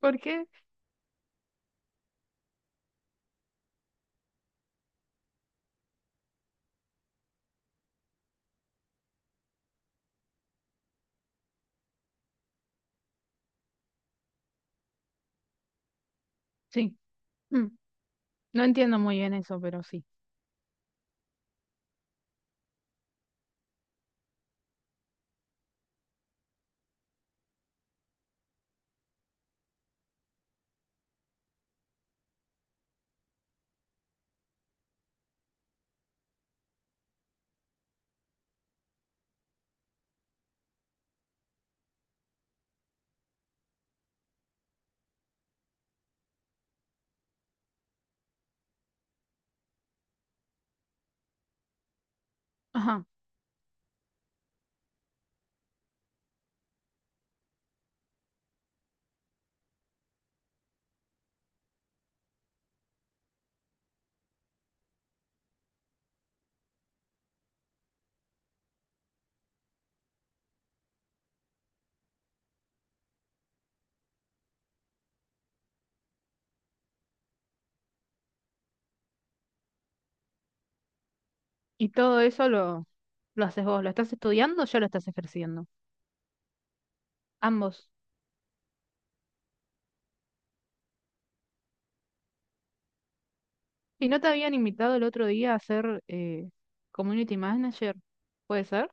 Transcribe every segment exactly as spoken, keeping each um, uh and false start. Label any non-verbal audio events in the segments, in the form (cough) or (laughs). Porque, sí, mm, no entiendo muy bien eso, pero sí. Ajá. Y todo eso lo, lo haces vos, lo estás estudiando o ya lo estás ejerciendo. Ambos. ¿Y no te habían invitado el otro día a ser eh, community manager? ¿Puede ser?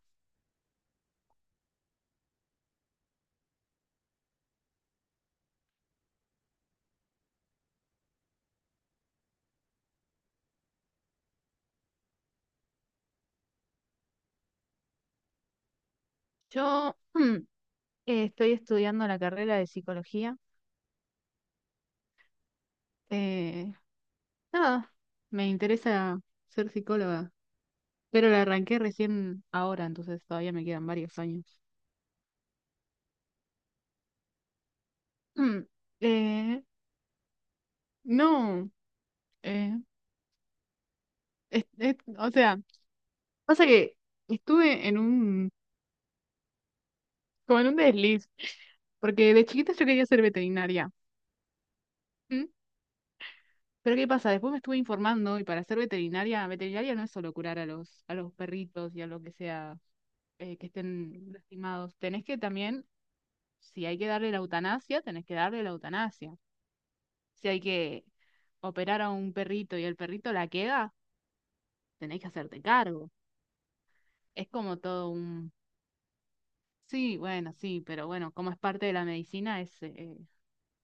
Yo mm, eh, estoy estudiando la carrera de psicología. Eh, nada, me interesa ser psicóloga, pero la arranqué recién ahora, entonces todavía me quedan varios años. Mm, eh, no, eh, es- es- o sea... Pasa que estuve en un, como en un desliz, porque de chiquita yo quería ser veterinaria. ¿Mm? Pero ¿qué pasa? Después me estuve informando y para ser veterinaria, veterinaria no es solo curar a los, a los perritos y a lo que sea eh, que estén lastimados. Tenés que también, si hay que darle la eutanasia, tenés que darle la eutanasia. Si hay que operar a un perrito y el perrito la queda, tenés que hacerte cargo. Es como todo un... Sí, bueno, sí, pero bueno, como es parte de la medicina, es, eh,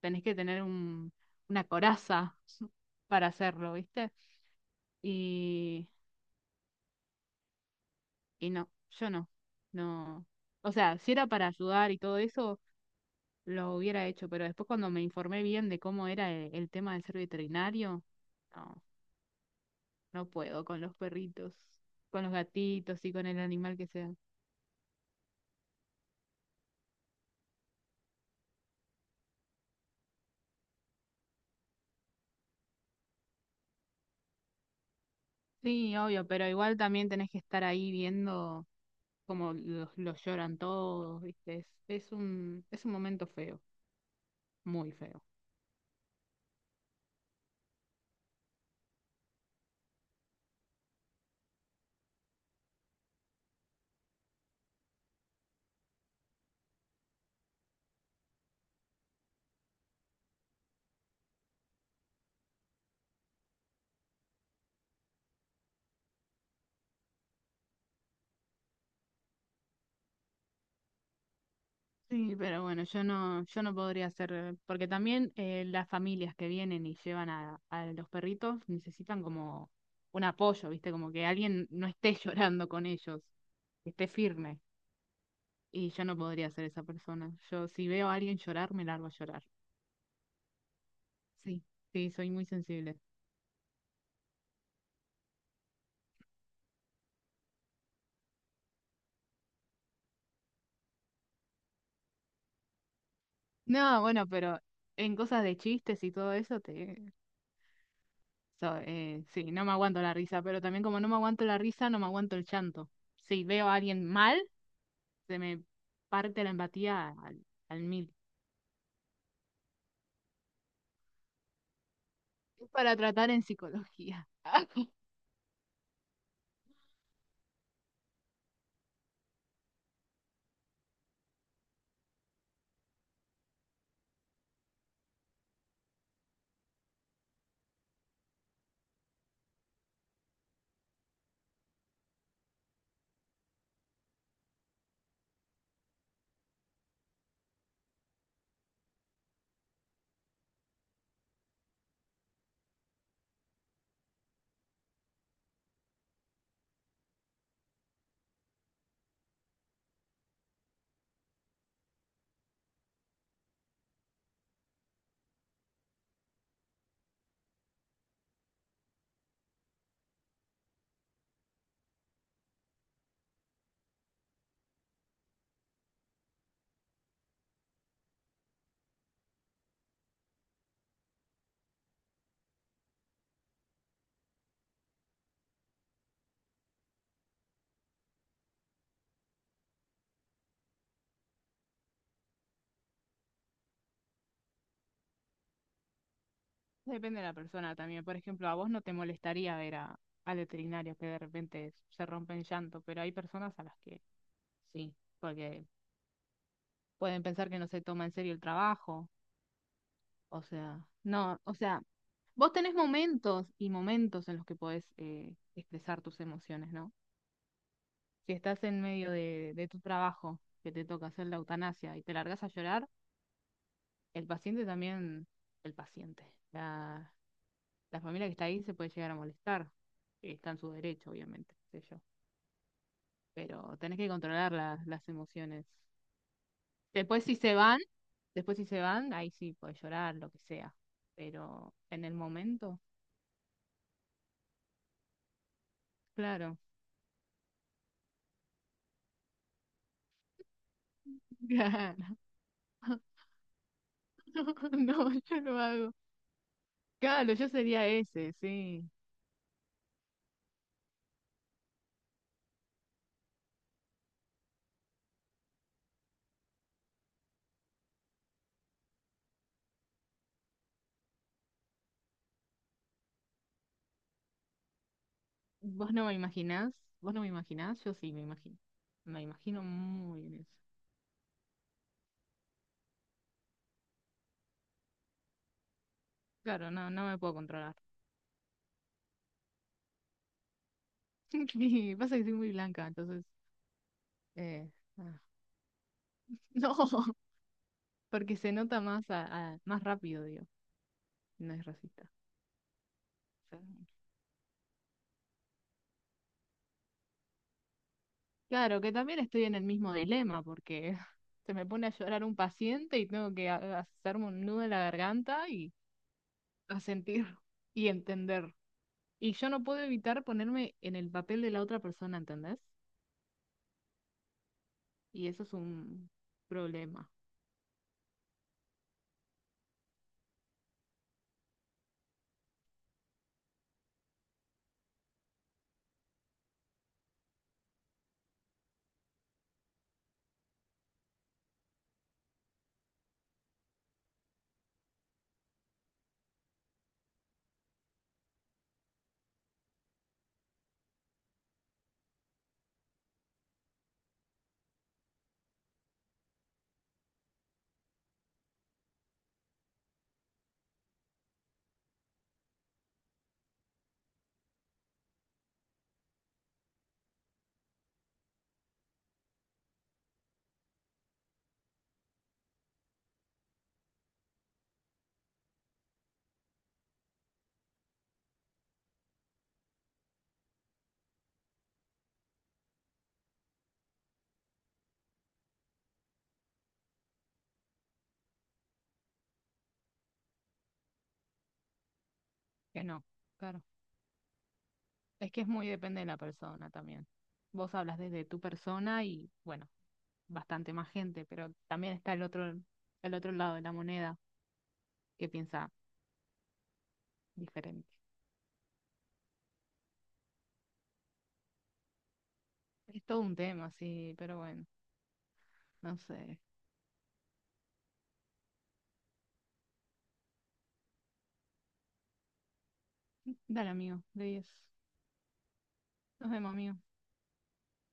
tenés que tener un, una coraza (laughs) para hacerlo, ¿viste? Y, y no, yo no, no. O sea, si era para ayudar y todo eso, lo hubiera hecho, pero después cuando me informé bien de cómo era el, el tema de ser veterinario, no, no puedo con los perritos, con los gatitos y con el animal que sea. Sí, obvio, pero igual también tenés que estar ahí viendo cómo los, los lloran todos, ¿viste? Es, es un, es un momento feo, muy feo. Sí, pero bueno, yo no, yo no podría hacer, porque también eh, las familias que vienen y llevan a, a los perritos necesitan como un apoyo, ¿viste? Como que alguien no esté (laughs) llorando con ellos, que esté firme. Y yo no podría ser esa persona. Yo si veo a alguien llorar, me largo a llorar. Sí, sí, soy muy sensible. No, bueno, pero en cosas de chistes y todo eso, te... so- eh, sí, no me aguanto la risa, pero también como no me aguanto la risa, no me aguanto el llanto. Si veo a alguien mal, se me parte la empatía al, al mil. Es para tratar en psicología. (laughs) Depende de la persona también. Por ejemplo, a vos no te molestaría ver a, al veterinario que de repente se rompe en llanto, pero hay personas a las que sí, porque pueden pensar que no se toma en serio el trabajo. O sea, no, o sea, vos tenés momentos y momentos en los que podés eh, expresar tus emociones, ¿no? Si estás en medio de, de tu trabajo, que te toca hacer la eutanasia y te largas a llorar, el paciente también, el paciente, la, la familia que está ahí se puede llegar a molestar, que está en su derecho, obviamente, qué sé yo. Pero tenés que controlar las, las emociones. Después si se van, después si se van, ahí sí puedes llorar, lo que sea. Pero en el momento, claro, (laughs) claro. (laughs) No, yo no hago. Claro, yo sería ese, sí. ¿Vos no me imaginás? ¿Vos no me imaginás? Yo sí me imagino. Me imagino muy bien eso. Claro, no, no me puedo controlar. (laughs) Pasa que soy muy blanca, entonces. eh, ah, (laughs) no, porque se nota más, a- a- más rápido, digo. No es racista. O sea, claro, que también estoy en el mismo dilema, porque (laughs) se me pone a llorar un paciente y tengo que a- hacerme un nudo en la garganta y asentir (laughs) y entender. Y yo no puedo evitar ponerme en el papel de la otra persona, ¿entendés? Y eso es un problema. Que no, claro. Es que es muy depende de la persona también. Vos hablas desde tu persona y bueno, bastante más gente, pero también está el otro, el otro lado de la moneda que piensa diferente. Es todo un tema, sí, pero bueno, no sé. Dale, amigo, de diez. Nos vemos, amigo.